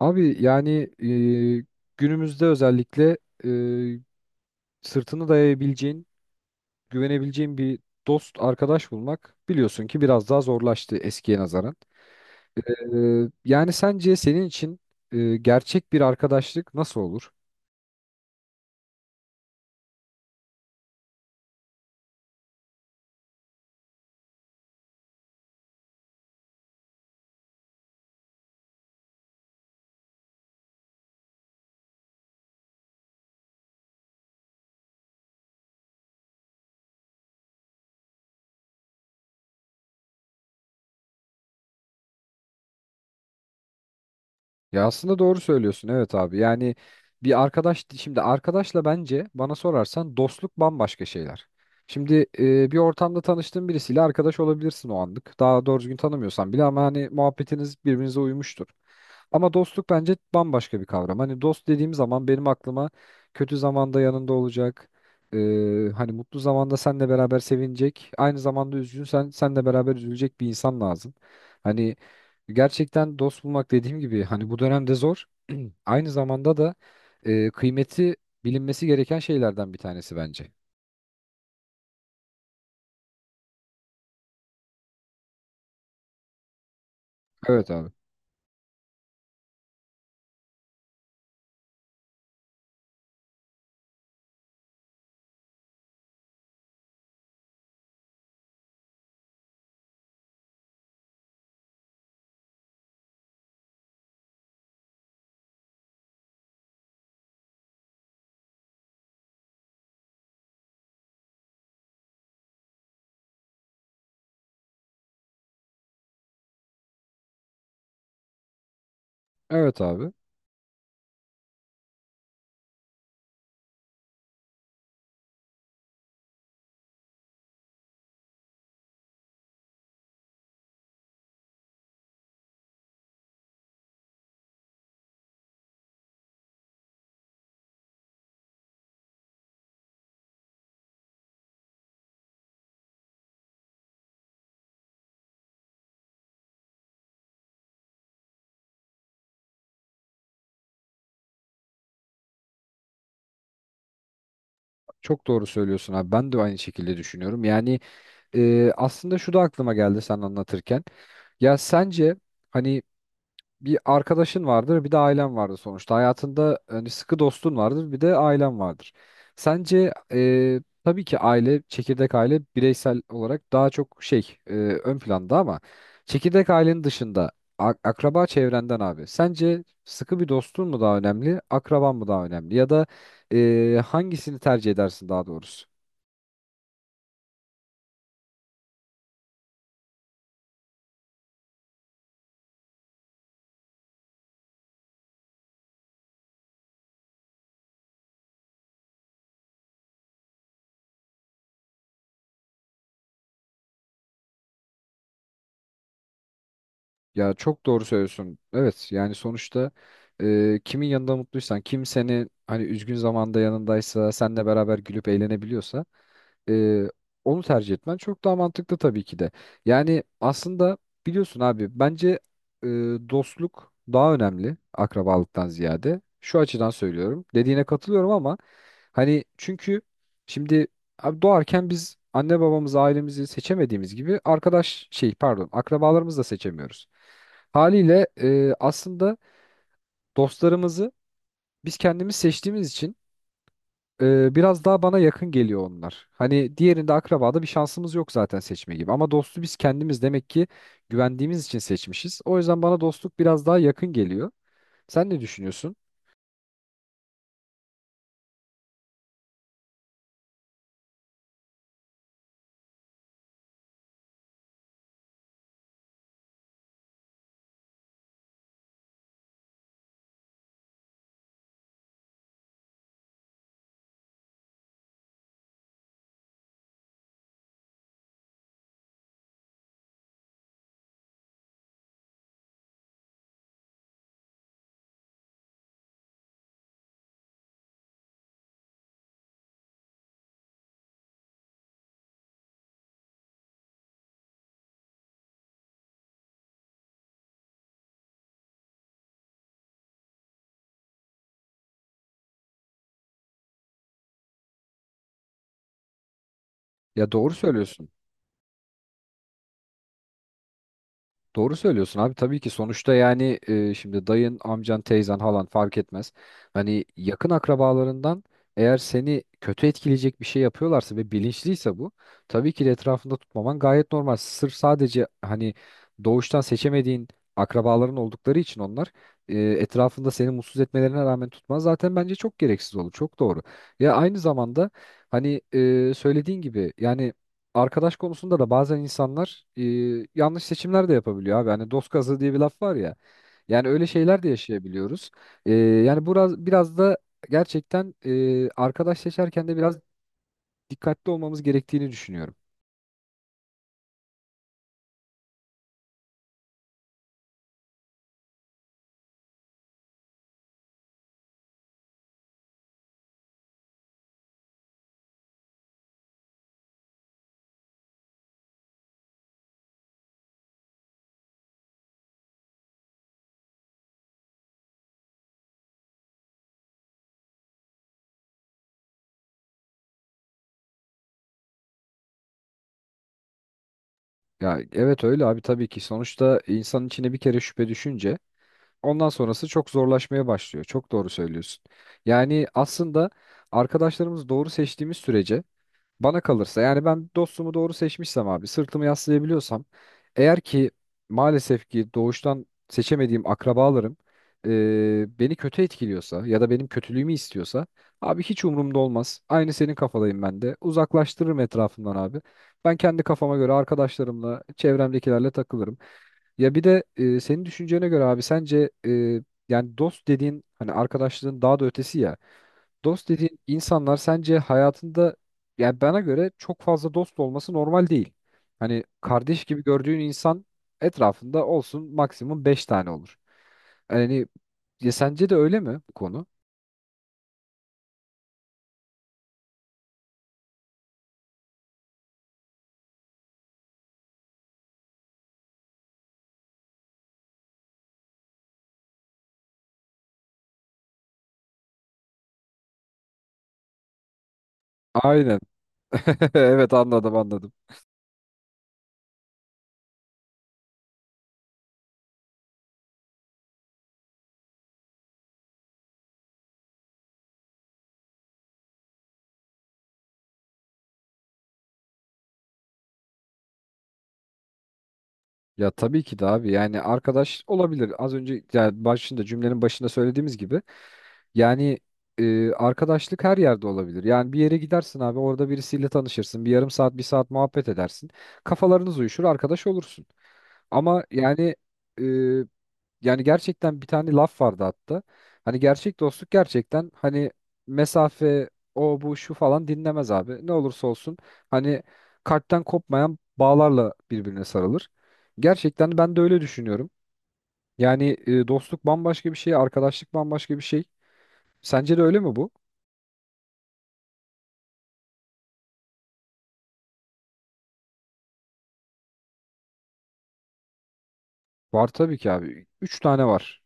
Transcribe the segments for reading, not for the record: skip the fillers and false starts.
Abi yani e, günümüzde özellikle e, sırtını dayayabileceğin, güvenebileceğin bir dost, arkadaş bulmak biliyorsun ki biraz daha zorlaştı eskiye nazaran. E, Yani sence senin için gerçek bir arkadaşlık nasıl olur? Ya aslında doğru söylüyorsun, evet abi. Yani bir arkadaş, şimdi arkadaşla, bence bana sorarsan dostluk bambaşka şeyler. Şimdi bir ortamda tanıştığın birisiyle arkadaş olabilirsin o anlık. Daha doğru düzgün tanımıyorsan bile, ama hani muhabbetiniz birbirinize uymuştur. Ama dostluk bence bambaşka bir kavram. Hani dost dediğim zaman benim aklıma kötü zamanda yanında olacak. e, Hani mutlu zamanda seninle beraber sevinecek. Aynı zamanda üzgünsen seninle beraber üzülecek bir insan lazım. Hani gerçekten dost bulmak, dediğim gibi, hani bu dönemde zor. Aynı zamanda da kıymeti bilinmesi gereken şeylerden bir tanesi bence. Evet abi. Evet abi. Çok doğru söylüyorsun abi. Ben de aynı şekilde düşünüyorum. Yani aslında şu da aklıma geldi sen anlatırken. Ya sence hani bir arkadaşın vardır, bir de ailen vardır sonuçta. Hayatında hani sıkı dostun vardır, bir de ailen vardır. Sence tabii ki aile, çekirdek aile bireysel olarak daha çok şey, ön planda, ama çekirdek ailenin dışında akraba çevrenden abi. Sence sıkı bir dostun mu daha önemli, akraban mı daha önemli, ya da hangisini tercih edersin daha doğrusu? Ya çok doğru söylüyorsun. Evet, yani sonuçta kimin yanında mutluysan, kim seni hani üzgün zamanda yanındaysa, seninle beraber gülüp eğlenebiliyorsa e, onu tercih etmen çok daha mantıklı tabii ki de. Yani aslında biliyorsun abi, bence e, dostluk daha önemli akrabalıktan ziyade. Şu açıdan söylüyorum. Dediğine katılıyorum ama hani, çünkü şimdi abi, doğarken biz anne babamızı, ailemizi seçemediğimiz gibi arkadaş, şey, pardon, akrabalarımızı da seçemiyoruz. Haliyle aslında dostlarımızı biz kendimiz seçtiğimiz için biraz daha bana yakın geliyor onlar. Hani diğerinde, akrabada, bir şansımız yok zaten seçme gibi, ama dostu biz kendimiz, demek ki güvendiğimiz için seçmişiz. O yüzden bana dostluk biraz daha yakın geliyor. Sen ne düşünüyorsun? Ya doğru söylüyorsun. Doğru söylüyorsun abi, tabii ki, sonuçta yani şimdi dayın, amcan, teyzen, halan fark etmez. Hani yakın akrabalarından, eğer seni kötü etkileyecek bir şey yapıyorlarsa ve bilinçliyse bu, tabii ki de etrafında tutmaman gayet normal. Sırf sadece hani doğuştan seçemediğin akrabaların oldukları için onlar etrafında, seni mutsuz etmelerine rağmen tutman zaten bence çok gereksiz olur. Çok doğru. Ya aynı zamanda hani söylediğin gibi yani arkadaş konusunda da bazen insanlar yanlış seçimler de yapabiliyor abi. Hani dost kazığı diye bir laf var ya. Yani öyle şeyler de yaşayabiliyoruz. Yani biraz da gerçekten arkadaş seçerken de biraz dikkatli olmamız gerektiğini düşünüyorum. Ya evet öyle abi tabii ki. Sonuçta insanın içine bir kere şüphe düşünce ondan sonrası çok zorlaşmaya başlıyor. Çok doğru söylüyorsun. Yani aslında arkadaşlarımızı doğru seçtiğimiz sürece, bana kalırsa yani, ben dostumu doğru seçmişsem abi, sırtımı yaslayabiliyorsam, eğer ki maalesef ki doğuştan seçemediğim akrabalarım beni kötü etkiliyorsa ya da benim kötülüğümü istiyorsa, abi hiç umurumda olmaz. Aynı senin kafadayım ben de. Uzaklaştırırım etrafımdan abi. Ben kendi kafama göre arkadaşlarımla, çevremdekilerle takılırım. Ya bir de senin düşüncene göre abi, sence yani dost dediğin, hani arkadaşlığın daha da ötesi ya. Dost dediğin insanlar sence hayatında, yani bana göre çok fazla dost olması normal değil. Hani kardeş gibi gördüğün insan etrafında olsun, maksimum 5 tane olur. Yani, ya sence de öyle mi bu konu? Aynen. Evet, anladım anladım. Ya tabii ki de abi, yani arkadaş olabilir. Az önce, yani başında, cümlenin başında söylediğimiz gibi, yani arkadaşlık her yerde olabilir. Yani bir yere gidersin abi, orada birisiyle tanışırsın. Bir yarım saat, bir saat muhabbet edersin. Kafalarınız uyuşur, arkadaş olursun. Ama yani e, Yani gerçekten bir tane laf vardı hatta. Hani gerçek dostluk, gerçekten hani, mesafe o bu şu falan dinlemez abi. Ne olursa olsun hani kalpten kopmayan bağlarla birbirine sarılır. Gerçekten ben de öyle düşünüyorum. Yani dostluk bambaşka bir şey, arkadaşlık bambaşka bir şey. Sence de öyle mi bu? Var tabii ki abi. 3 tane var.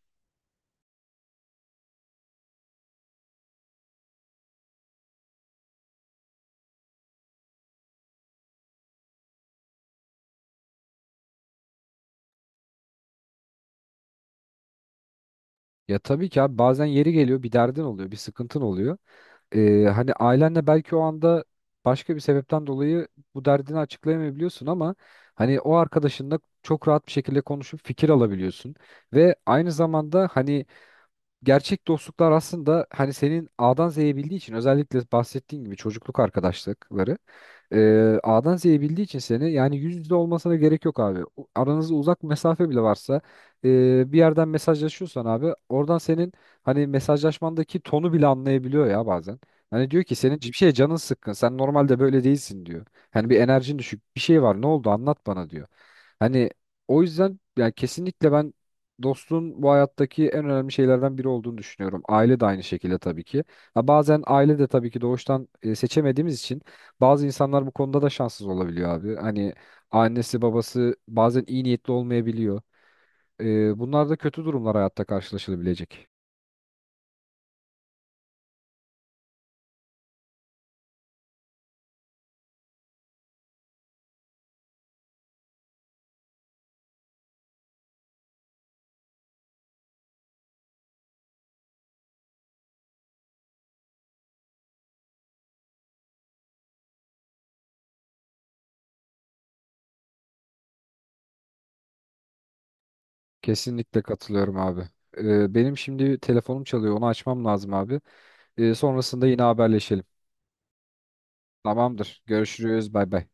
Ya tabii ki abi, bazen yeri geliyor, bir derdin oluyor, bir sıkıntın oluyor. Hani ailenle belki o anda başka bir sebepten dolayı bu derdini açıklayamayabiliyorsun, ama hani o arkadaşınla çok rahat bir şekilde konuşup fikir alabiliyorsun. Ve aynı zamanda hani gerçek dostluklar aslında, hani senin A'dan Z'ye bildiği için, özellikle bahsettiğin gibi çocukluk arkadaşlıkları, ee, A'dan Z'ye bildiği için seni, yani yüz yüze olmasına gerek yok abi. Aranızda uzak mesafe bile varsa bir yerden mesajlaşıyorsan abi, oradan senin hani mesajlaşmandaki tonu bile anlayabiliyor ya bazen. Hani diyor ki, senin bir şeye canın sıkkın. Sen normalde böyle değilsin diyor. Hani bir enerjin düşük. Bir şey var. Ne oldu? Anlat bana diyor. Hani o yüzden yani kesinlikle ben dostluğun bu hayattaki en önemli şeylerden biri olduğunu düşünüyorum. Aile de aynı şekilde tabii ki. Ha, bazen aile de tabii ki doğuştan seçemediğimiz için bazı insanlar bu konuda da şanssız olabiliyor abi. Hani annesi babası bazen iyi niyetli olmayabiliyor. Bunlar da kötü durumlar hayatta karşılaşılabilecek. Kesinlikle katılıyorum abi. Benim şimdi telefonum çalıyor. Onu açmam lazım abi. Sonrasında yine haberleşelim. Tamamdır. Görüşürüz. Bay bay.